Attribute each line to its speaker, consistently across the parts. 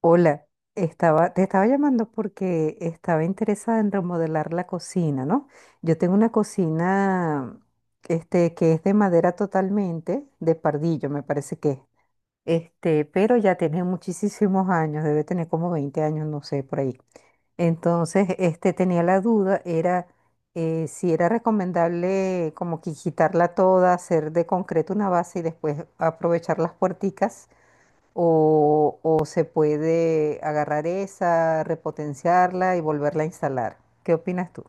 Speaker 1: Hola, estaba, te estaba llamando porque estaba interesada en remodelar la cocina, ¿no? Yo tengo una cocina, que es de madera totalmente, de pardillo, me parece que es. Pero ya tiene muchísimos años, debe tener como 20 años, no sé, por ahí. Entonces, tenía la duda, era si era recomendable como que quitarla toda, hacer de concreto una base y después aprovechar las puerticas o se puede agarrar esa, repotenciarla y volverla a instalar. ¿Qué opinas tú?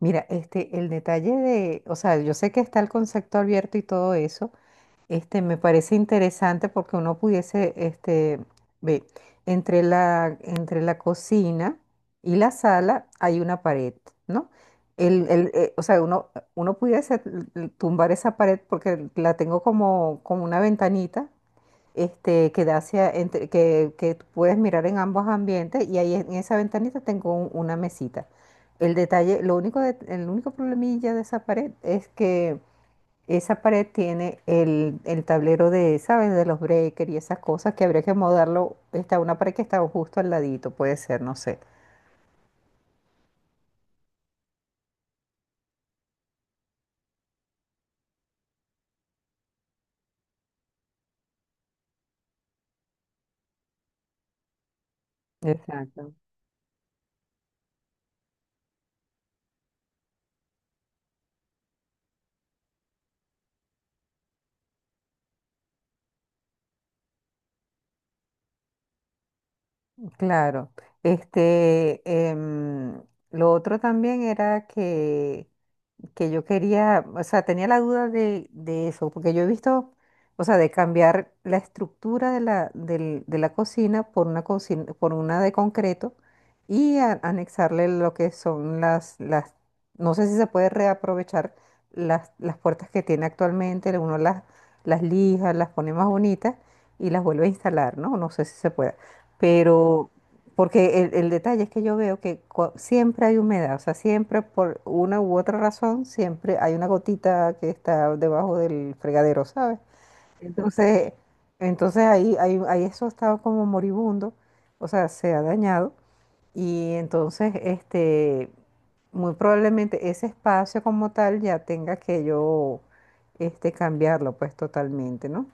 Speaker 1: Mira, el detalle de, o sea, yo sé que está el concepto abierto y todo eso, me parece interesante porque uno pudiese, ve, entre la cocina y la sala hay una pared, ¿no? O sea, uno pudiese tumbar esa pared porque la tengo como, como una ventanita que da hacia, que tú puedes mirar en ambos ambientes y ahí en esa ventanita tengo una mesita. El detalle, el único problemilla de esa pared es que esa pared tiene el tablero de, ¿sabes? De los breakers y esas cosas que habría que modarlo. Está una pared que está justo al ladito, puede ser, no sé. Exacto. Claro, este, em, lo otro también era que yo quería, o sea, tenía la duda de eso, porque yo he visto, o sea, de cambiar la estructura de la, de la cocina, por una de concreto y anexarle lo que son las, no sé si se puede reaprovechar las puertas que tiene actualmente, uno las lija, las pone más bonitas y las vuelve a instalar, ¿no? No sé si se puede. Pero, porque el detalle es que yo veo que siempre hay humedad, o sea, siempre por una u otra razón, siempre hay una gotita que está debajo del fregadero, ¿sabes? Entonces, entonces ahí eso estaba como moribundo, o sea, se ha dañado. Y entonces, muy probablemente ese espacio como tal ya tenga que yo, cambiarlo pues totalmente, ¿no?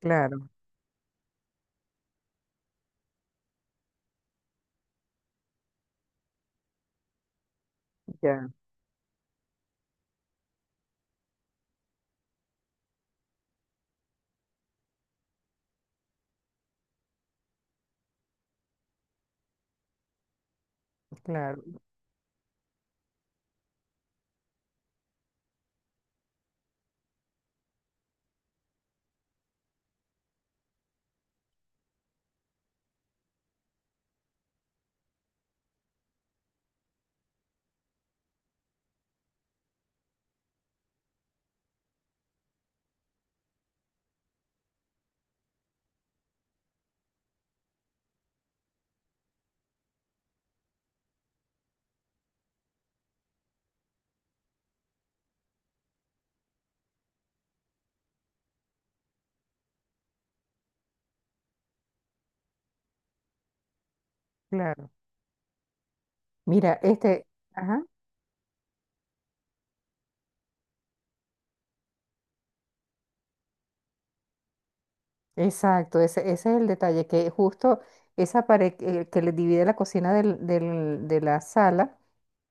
Speaker 1: Claro, ya, claro, claro. Mira, ajá. Exacto, ese es el detalle, que justo esa pared que le divide la cocina de la sala,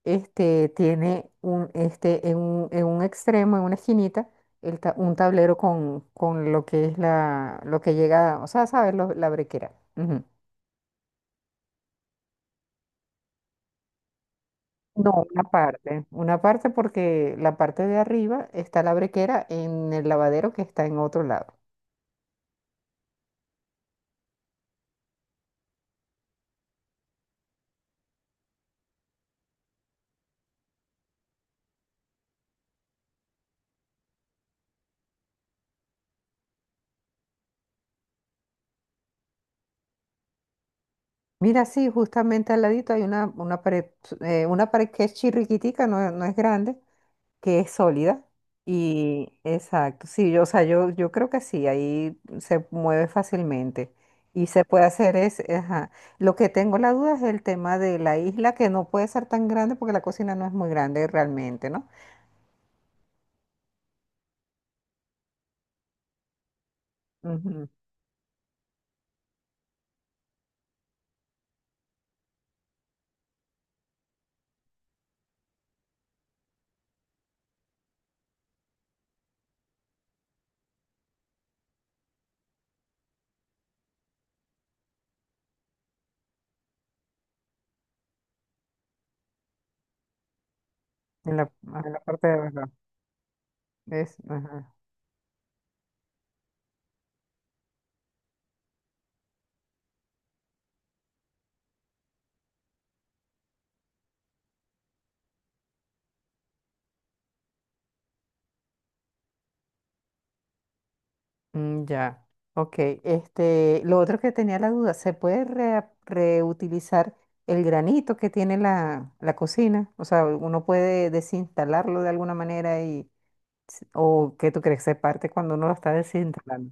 Speaker 1: tiene un, en un, en un extremo, en una esquinita, un tablero con lo que es la, lo que llega, o sea, ¿sabes? La brequera. Ujú. No, una parte porque la parte de arriba está la brequera en el lavadero que está en otro lado. Mira, sí, justamente al ladito hay una pared que es chirriquitica, no, no es grande, que es sólida. Y exacto, sí, yo, o sea, yo creo que sí, ahí se mueve fácilmente. Y se puede hacer es, ajá. Lo que tengo la duda es el tema de la isla, que no puede ser tan grande porque la cocina no es muy grande realmente, ¿no? Ujú. En la, en la parte de abajo. Es, ajá. Mm, ya. Ok. Lo otro que tenía la duda, ¿se puede reutilizar el granito que tiene la, la cocina? O sea, uno puede desinstalarlo de alguna manera y o que tú crees que se parte cuando uno lo está desinstalando.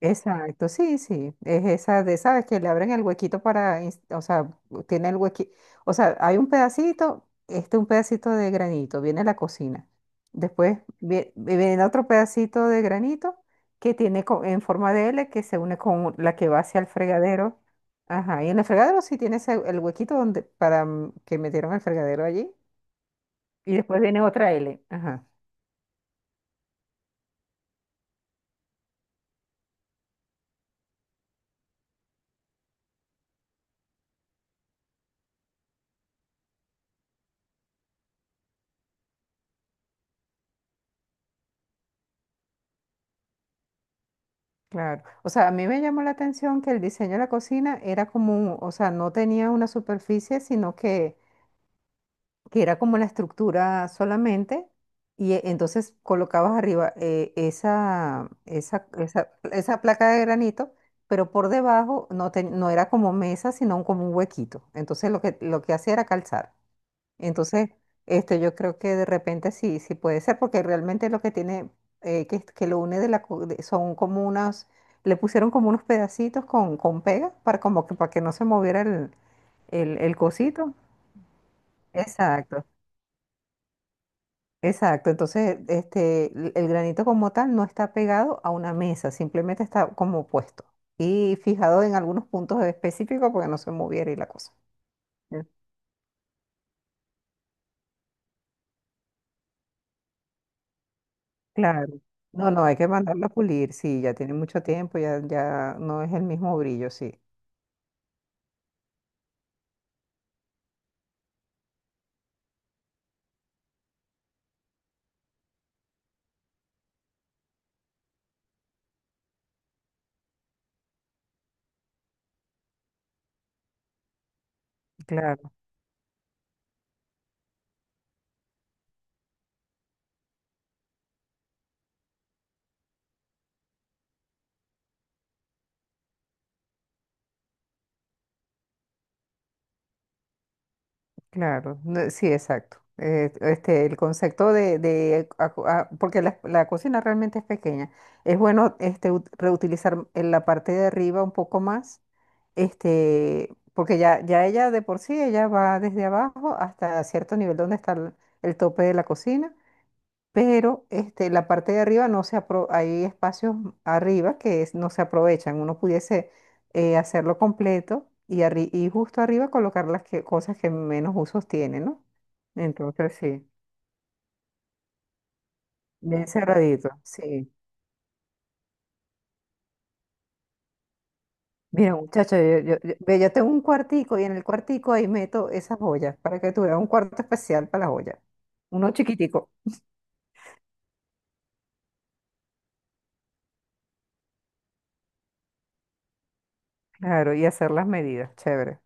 Speaker 1: Exacto, sí, sí, es esa de, sabes que le abren el huequito para, o sea, tiene el huequito, o sea, hay un pedacito, un pedacito de granito, viene la cocina, después viene otro pedacito de granito que tiene en forma de L que se une con la que va hacia el fregadero, ajá, y en el fregadero sí tiene el huequito donde, para mm, que metieron el fregadero allí, y después viene otra L, ajá. Claro, o sea, a mí me llamó la atención que el diseño de la cocina era como, o sea, no tenía una superficie, sino que era como la estructura solamente, y entonces colocabas arriba esa placa de granito, pero por debajo no, no era como mesa, sino como un huequito. Entonces lo que hacía era calzar. Entonces, yo creo que de repente sí, sí puede ser, porque realmente lo que tiene, que lo une de la, son como unas, le pusieron como unos pedacitos con pega para como que para que no se moviera el cosito. Exacto, exacto. Entonces, el granito como tal no está pegado a una mesa, simplemente está como puesto y fijado en algunos puntos específicos porque no se moviera y la cosa. Claro. No, no, hay que mandarlo a pulir, sí, ya tiene mucho tiempo, ya, ya no es el mismo brillo, sí. Claro, claro, no, sí, exacto. El concepto de, ah, porque la cocina realmente es pequeña. Es bueno reutilizar en la parte de arriba un poco más, porque ya, ya ella de por sí, ella va desde abajo hasta cierto nivel donde está el tope de la cocina pero la parte de arriba no se apro- hay espacios arriba no se aprovechan. Uno pudiese hacerlo completo y, y justo arriba colocar las cosas que menos usos tienen, ¿no? Entonces sí, bien cerradito, sí. Mira, muchacho, ve, yo tengo un cuartico y en el cuartico ahí meto esas joyas para que tuviera un cuarto especial para las joyas. Uno chiquitico, claro, y hacer las medidas, chévere.